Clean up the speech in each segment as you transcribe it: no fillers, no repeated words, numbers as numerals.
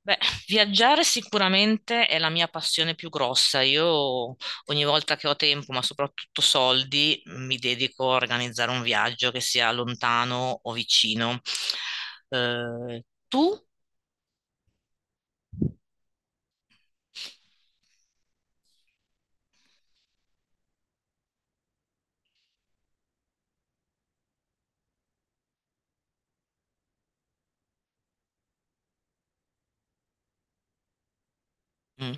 Beh, viaggiare sicuramente è la mia passione più grossa. Io ogni volta che ho tempo, ma soprattutto soldi, mi dedico a organizzare un viaggio che sia lontano o vicino. Tu? Mm.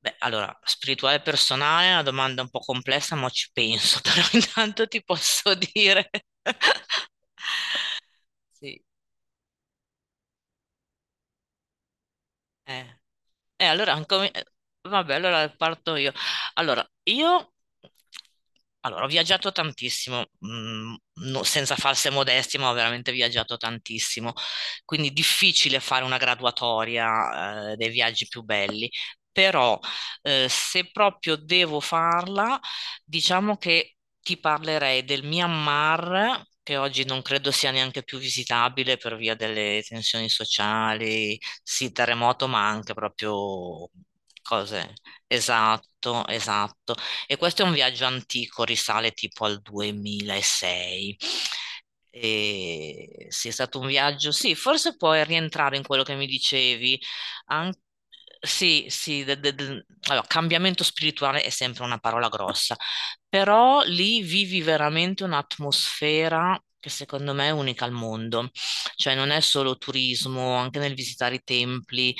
Beh, allora, spirituale e personale è una domanda un po' complessa, ma ci penso, però intanto ti posso dire. Sì, eh. E allora, vabbè, allora parto io. Allora, io allora, ho viaggiato tantissimo, senza false modestie, ma ho veramente viaggiato tantissimo. Quindi difficile fare una graduatoria, dei viaggi più belli. Però, se proprio devo farla, diciamo che ti parlerei del Myanmar, che oggi non credo sia neanche più visitabile per via delle tensioni sociali. Sì, terremoto, ma anche proprio cose. Esatto, esatto. E questo è un viaggio antico, risale tipo al 2006. E sì, è stato un viaggio, sì, forse puoi rientrare in quello che mi dicevi. An- sì, sì, allora, cambiamento spirituale è sempre una parola grossa, però lì vivi veramente un'atmosfera che secondo me è unica al mondo. Cioè non è solo turismo, anche nel visitare i templi,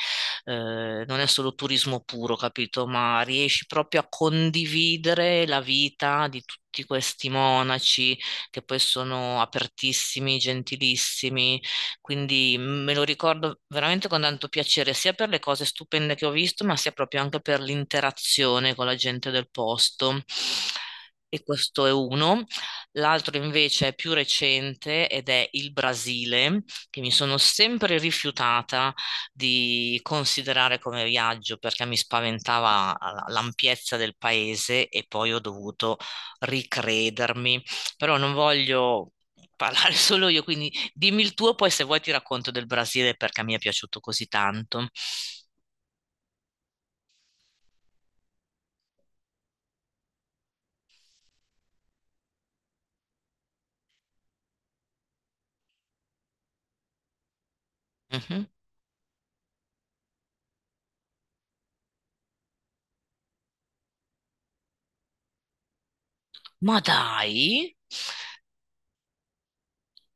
non è solo turismo puro, capito? Ma riesci proprio a condividere la vita di tutti questi monaci che poi sono apertissimi, gentilissimi. Quindi me lo ricordo veramente con tanto piacere, sia per le cose stupende che ho visto, ma sia proprio anche per l'interazione con la gente del posto. E questo è uno. L'altro invece è più recente ed è il Brasile che mi sono sempre rifiutata di considerare come viaggio perché mi spaventava l'ampiezza del paese e poi ho dovuto ricredermi. Però non voglio parlare solo io, quindi dimmi il tuo, poi se vuoi ti racconto del Brasile perché mi è piaciuto così tanto. Mhm. Ma dai,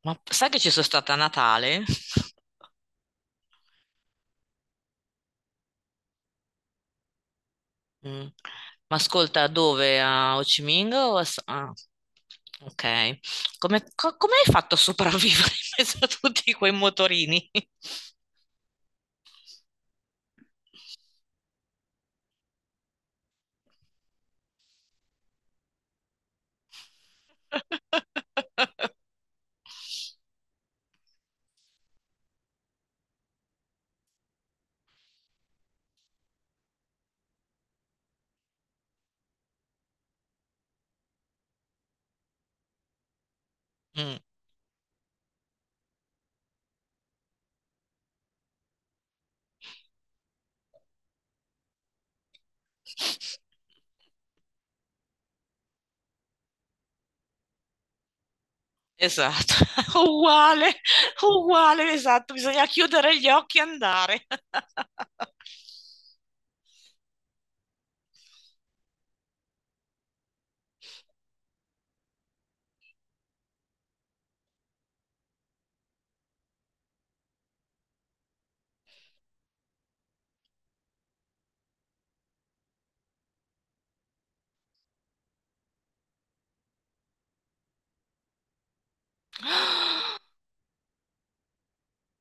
ma sai che ci sono stata a Natale? Mm. Ma ascolta, dove? A Ho Chi Minh o a ah, ok. Come hai fatto a sopravvivere in mezzo a tutti quei motorini? Mm. Esatto, uguale, uguale, esatto, bisogna chiudere gli occhi e andare.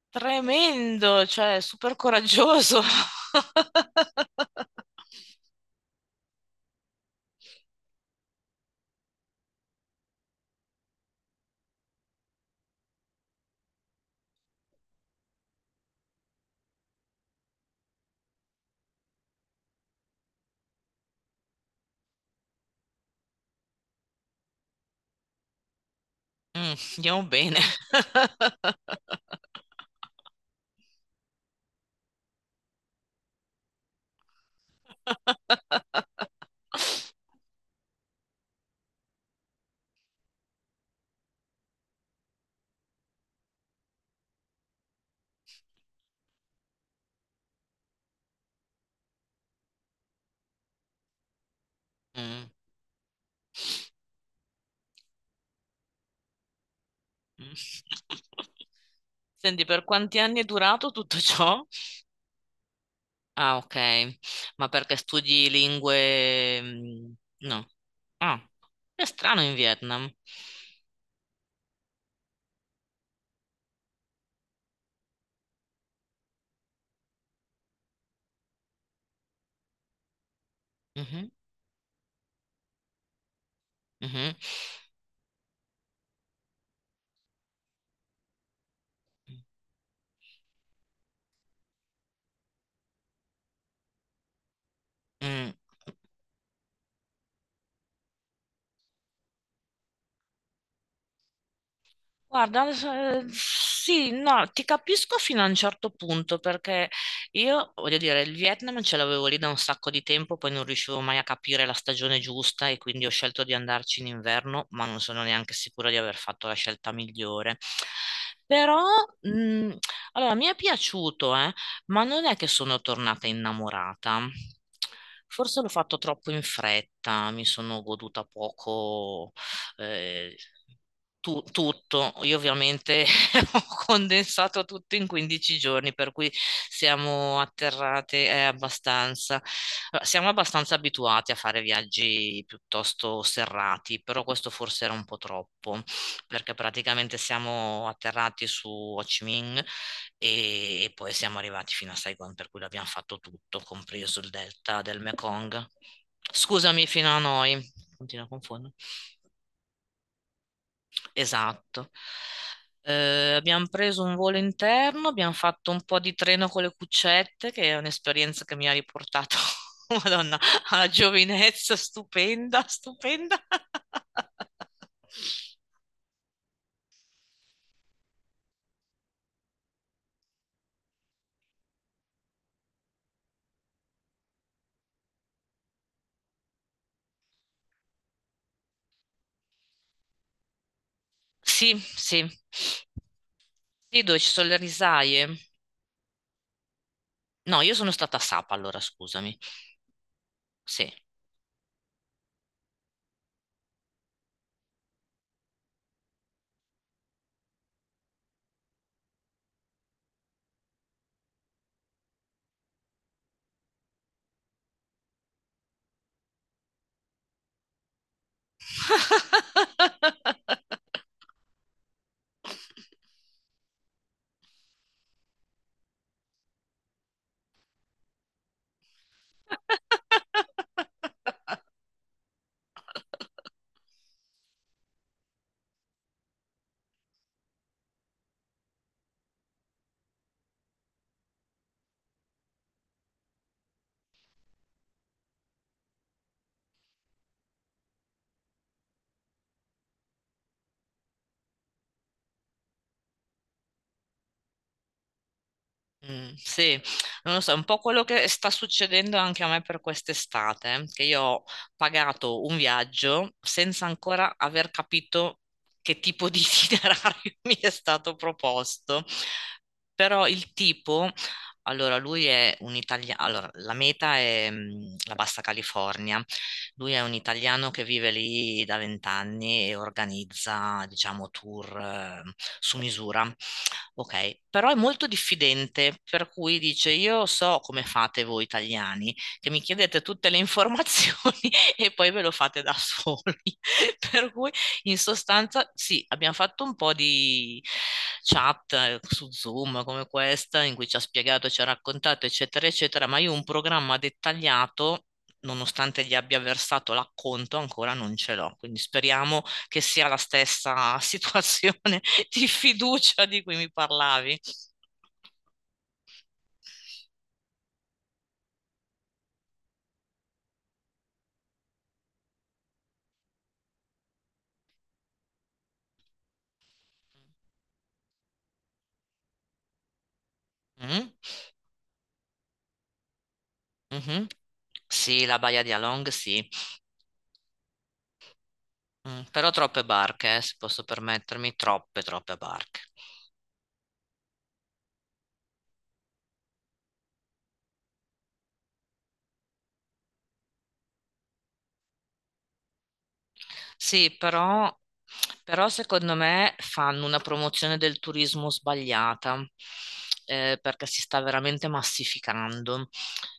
Tremendo, cioè, super coraggioso. Mm, andiamo bene. Mm. Senti, per quanti anni è durato tutto ciò? Ah, ok. Ma perché studi lingue no. Ah, è strano in Vietnam. Mhm, mhm. Mm. Guarda, sì, no, ti capisco fino a un certo punto perché io, voglio dire, il Vietnam ce l'avevo lì da un sacco di tempo, poi non riuscivo mai a capire la stagione giusta e quindi ho scelto di andarci in inverno, ma non sono neanche sicura di aver fatto la scelta migliore. Però, mh, allora, mi è piaciuto, ma non è che sono tornata innamorata. Forse l'ho fatto troppo in fretta, mi sono goduta poco, eh, tu tutto. Io ovviamente ho condensato tutto in 15 giorni, per cui siamo atterrate abbastanza. Allora, siamo abbastanza abituati a fare viaggi piuttosto serrati, però questo forse era un po' troppo, perché praticamente siamo atterrati su Ho Chi Minh e poi siamo arrivati fino a Saigon, per cui l'abbiamo fatto tutto, compreso il delta del Mekong. Scusami, fino a noi. Continuo a confondere. Esatto. Abbiamo preso un volo interno, abbiamo fatto un po' di treno con le cuccette, che è un'esperienza che mi ha riportato, Madonna, alla giovinezza stupenda, stupenda. Sì, sì. Sì, dove ci sono le risaie. No, io sono stata a Sapa, allora scusami. Sì. Sì, non lo so, è un po' quello che sta succedendo anche a me per quest'estate, che io ho pagato un viaggio senza ancora aver capito che tipo di itinerario mi è stato proposto. Però il tipo, allora lui è un italiano, allora la meta è la Bassa California, lui è un italiano che vive lì da 20 anni e organizza, diciamo, tour su misura. Ok, però è molto diffidente, per cui dice: Io so come fate voi italiani, che mi chiedete tutte le informazioni e poi ve lo fate da soli. Per cui, in sostanza, sì, abbiamo fatto un po' di chat su Zoom come questa, in cui ci ha spiegato, ci ha raccontato, eccetera, eccetera, ma io un programma dettagliato. Nonostante gli abbia versato l'acconto, ancora non ce l'ho. Quindi speriamo che sia la stessa situazione di fiducia di cui mi parlavi. Mm, mhm. Sì, la Baia di Along, sì. Mm, però troppe barche, se posso permettermi, troppe, troppe barche. Sì, però, però secondo me fanno una promozione del turismo sbagliata, perché si sta veramente massificando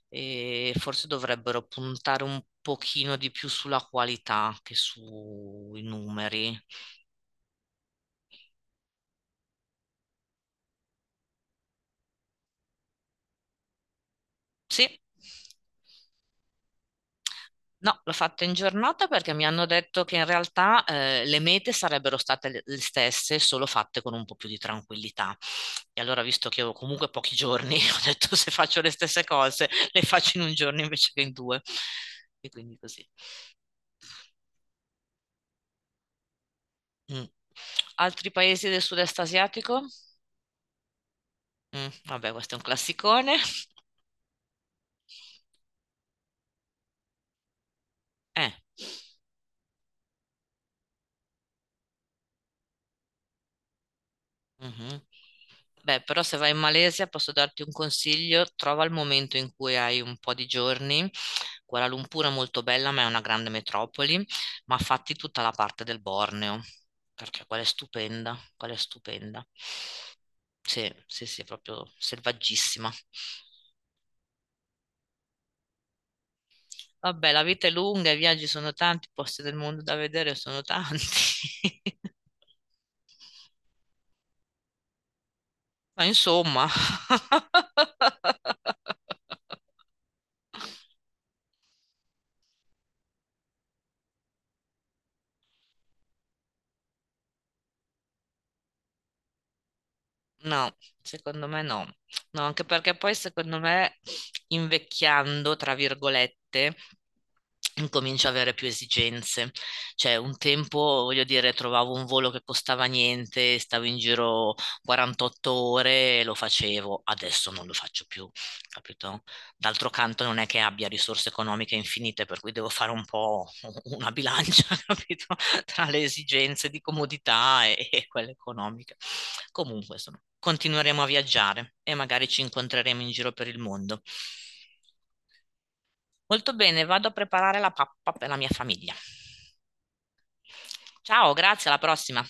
e forse dovrebbero puntare un pochino di più sulla qualità che sui numeri. Sì. No, l'ho fatto in giornata perché mi hanno detto che in realtà le mete sarebbero state le stesse, solo fatte con un po' più di tranquillità. E allora, visto che ho comunque pochi giorni, ho detto se faccio le stesse cose, le faccio in un giorno invece che in due. E quindi così. Mm. Altri paesi del sud-est asiatico? Mm, vabbè, questo è un classicone. Eh. Mhm. Beh, però se vai in Malesia posso darti un consiglio, trova il momento in cui hai un po' di giorni. Kuala Lumpur è molto bella, ma è una grande metropoli, ma fatti tutta la parte del Borneo, perché quella è stupenda, quella è stupenda. Sì, sì, sì, è proprio selvaggissima. Vabbè, la vita è lunga, i viaggi sono tanti, i posti del mondo da vedere sono tanti. Ma insomma. No, secondo me no. No, anche perché poi secondo me invecchiando, tra virgolette, incomincio ad avere più esigenze. Cioè, un tempo, voglio dire, trovavo un volo che costava niente, stavo in giro 48 ore e lo facevo. Adesso non lo faccio più, capito? D'altro canto non è che abbia risorse economiche infinite, per cui devo fare un po' una bilancia, capito? Tra le esigenze di comodità e quelle economiche. Comunque, insomma, continueremo a viaggiare e magari ci incontreremo in giro per il mondo. Molto bene, vado a preparare la pappa per la mia famiglia. Ciao, grazie, alla prossima.